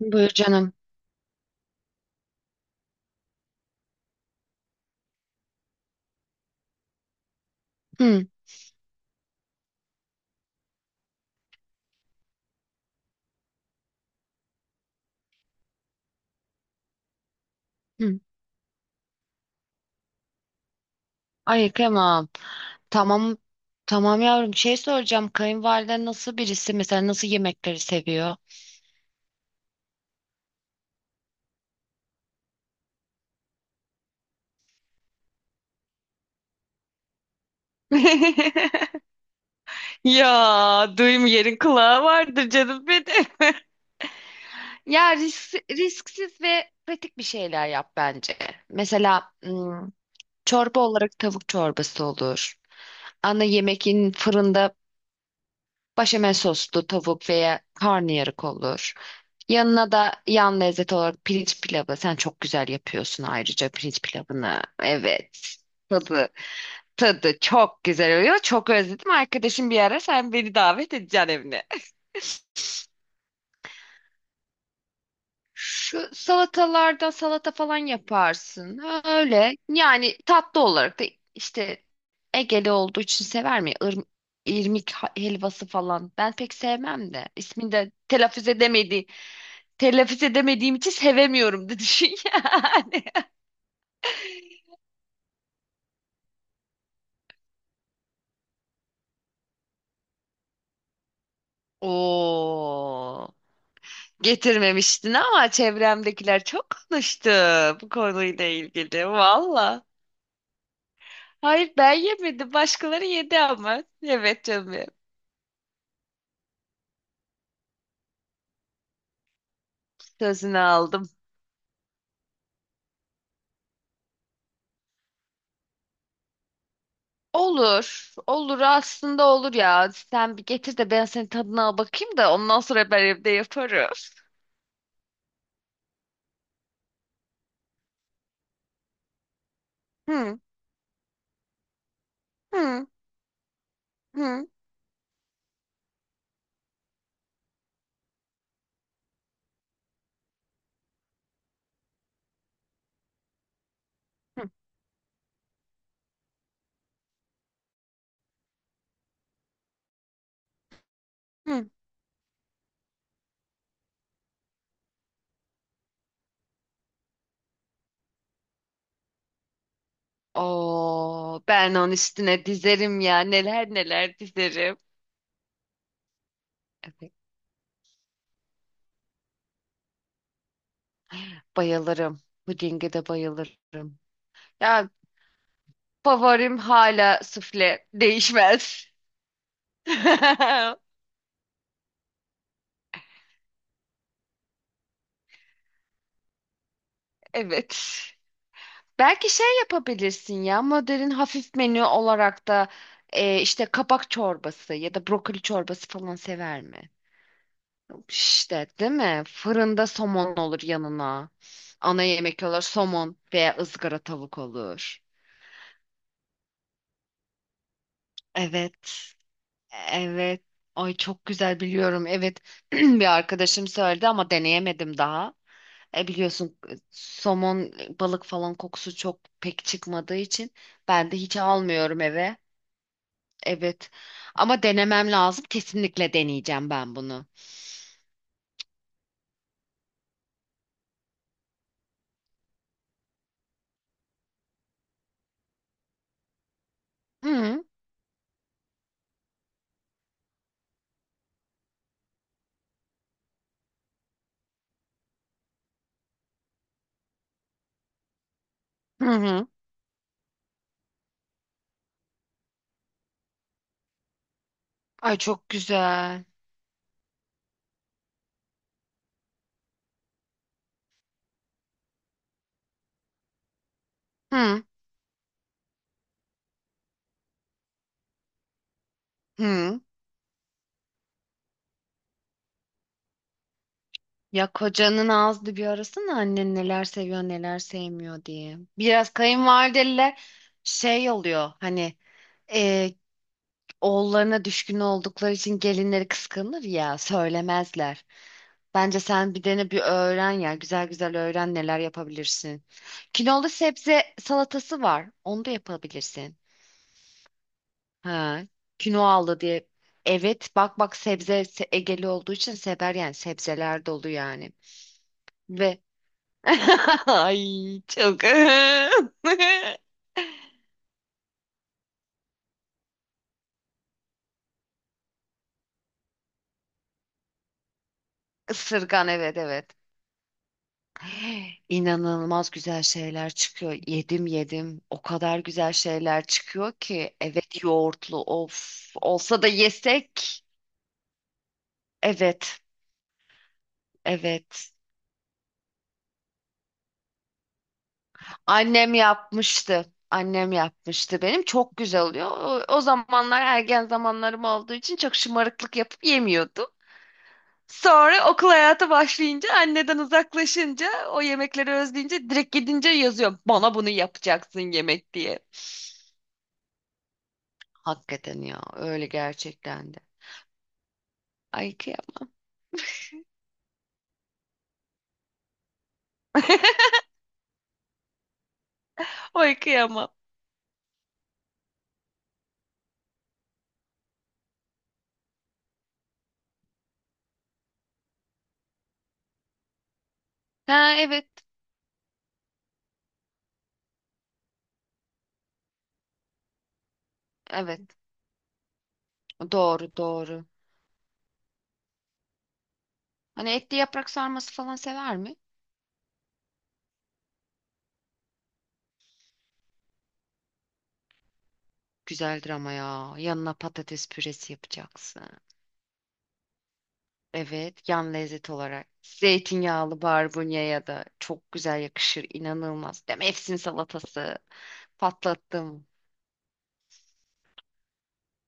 Buyur canım. Hı, hı. Ay kıyamam. Tamam. Tamam yavrum. Şey soracağım. Kayınvaliden nasıl birisi? Mesela nasıl yemekleri seviyor? Ya duyum yerin kulağı vardır canım benim. Ya risksiz ve pratik bir şeyler yap bence. Mesela çorba olarak tavuk çorbası olur. Ana yemekin fırında Başamel soslu tavuk veya karnıyarık olur. Yanına da yan lezzet olarak pirinç pilavı. Sen çok güzel yapıyorsun ayrıca pirinç pilavını. Evet. Tadı, tadı çok güzel oluyor. Çok özledim. Arkadaşım bir ara sen beni davet edeceksin evine. Şu salatalardan salata falan yaparsın. Ha, öyle. Yani tatlı olarak da işte Egeli olduğu için sever mi? Ir- irmik helvası falan. Ben pek sevmem de. İsmini de telaffuz edemedi. Telaffuz edemediğim için sevemiyorum da düşün yani. Oo. Getirmemiştin ama çevremdekiler çok konuştu bu konuyla ilgili. Valla. Hayır ben yemedim. Başkaları yedi ama. Evet canım. Sözünü aldım. Olur. Olur aslında olur ya. Sen bir getir de ben senin tadına al bakayım da ondan sonra ben evde yaparım. Hı hı, hı hı, hı. Oo, ben onun üstüne dizerim ya. Neler neler dizerim. Evet, bayılırım. Pudinge de bayılırım. Ya favorim hala sufle değişmez. Evet. Belki şey yapabilirsin ya modern hafif menü olarak da işte kabak çorbası ya da brokoli çorbası falan sever mi? İşte değil mi? Fırında somon olur yanına. Ana yemek olur somon veya ızgara tavuk olur. Evet. Evet. Ay çok güzel biliyorum. Evet. Bir arkadaşım söyledi ama deneyemedim daha. Biliyorsun, somon, balık falan kokusu çok pek çıkmadığı için ben de hiç almıyorum eve. Evet. Ama denemem lazım. Kesinlikle deneyeceğim ben bunu. Hı hı, hı. Ay çok güzel. Hı hı. Ya kocanın ağzını bir arasana annen neler seviyor neler sevmiyor diye. Biraz kayınvalideler şey oluyor hani e, oğullarına düşkün oldukları için gelinleri kıskanır ya söylemezler. Bence sen bir dene bir öğren ya güzel güzel öğren neler yapabilirsin. Kinolu sebze salatası var onu da yapabilirsin. Ha, aldı diye. Evet bak bak Egeli olduğu için sever yani sebzeler dolu yani. Ve ay çok ısırgan, evet evet. İnanılmaz güzel şeyler çıkıyor. Yedim yedim. O kadar güzel şeyler çıkıyor ki. Evet yoğurtlu of olsa da yesek. Evet evet. Annem yapmıştı. Annem yapmıştı benim. Çok güzel oluyor. O zamanlar ergen zamanlarım olduğu için çok şımarıklık yapıp yemiyordum. Sonra okul hayatı başlayınca anneden uzaklaşınca o yemekleri özleyince direkt gidince yazıyor. Bana bunu yapacaksın yemek diye. Hakikaten ya öyle gerçekten de. Ay kıyamam. Ay kıyamam. Ha evet. Evet. Doğru doğru. Hani etli yaprak sarması falan sever mi? Güzeldir ama ya. Yanına patates püresi yapacaksın. Evet, yan lezzet olarak. Zeytinyağlı barbunya ya da çok güzel yakışır. İnanılmaz. Değil mi? Efsin salatası. Patlattım.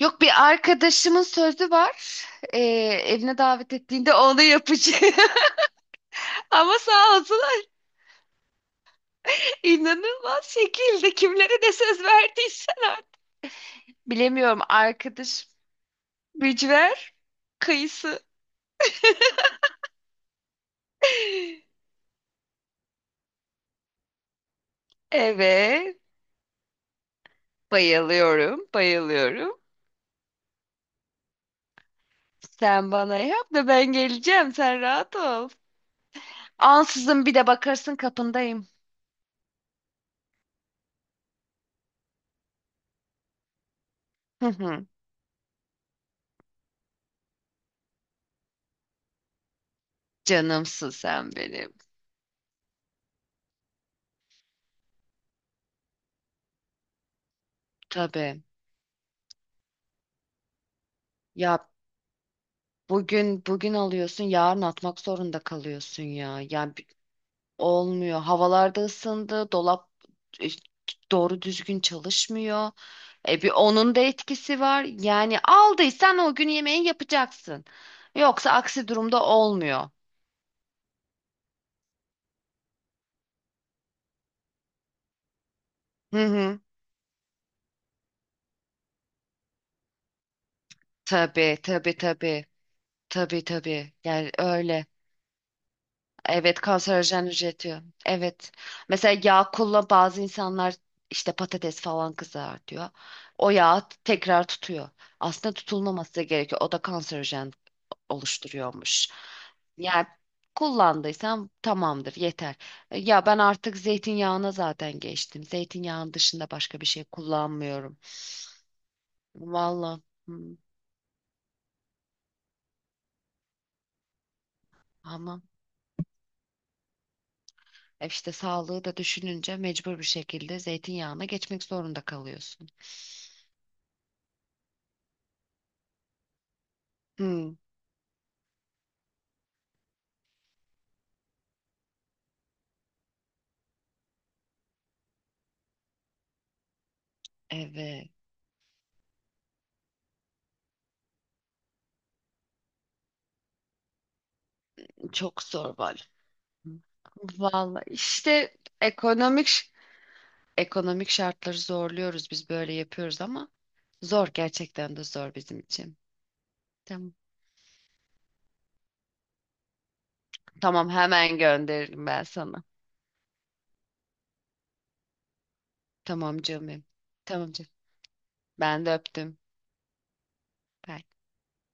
Yok bir arkadaşımın sözü var. Ee, Evine davet ettiğinde onu yapacağım. Ama sağ olsunlar. İnanılmaz şekilde kimlere de söz verdiysen artık. Bilemiyorum arkadaş, mücver, kayısı. Evet. Bayılıyorum, bayılıyorum. Sen bana yap da ben geleceğim. Sen rahat ol. Ansızın bir de bakarsın kapındayım. Hı hı. Canımsın sen benim. Tabii. Ya bugün alıyorsun, yarın atmak zorunda kalıyorsun ya. Yani olmuyor. Havalarda ısındı, dolap e, doğru düzgün çalışmıyor. E bir onun da etkisi var. Yani aldıysan o gün yemeği yapacaksın. Yoksa aksi durumda olmuyor. Hı hı. Tabii tabii tabii. Tabii tabii. Yani öyle. Evet, kanserojen üretiyor. Evet. Mesela yağ kullan, bazı insanlar işte patates falan kızartıyor. O yağ tekrar tutuyor. Aslında tutulmaması gerekiyor. O da kanserojen oluşturuyormuş. Yani kullandıysam tamamdır yeter. E, ya ben artık zeytinyağına zaten geçtim. Zeytinyağının dışında başka bir şey kullanmıyorum. Vallahi. Hı, ama işte sağlığı da düşününce mecbur bir şekilde zeytinyağına geçmek zorunda kalıyorsun. Hmm. Evet, çok zor var. Vallahi işte ekonomik şartları zorluyoruz biz böyle yapıyoruz ama zor, gerçekten de zor bizim için. Tamam. Tamam hemen gönderirim ben sana. Tamam canım. Benim. Tamam canım. Ben de öptüm. Bye.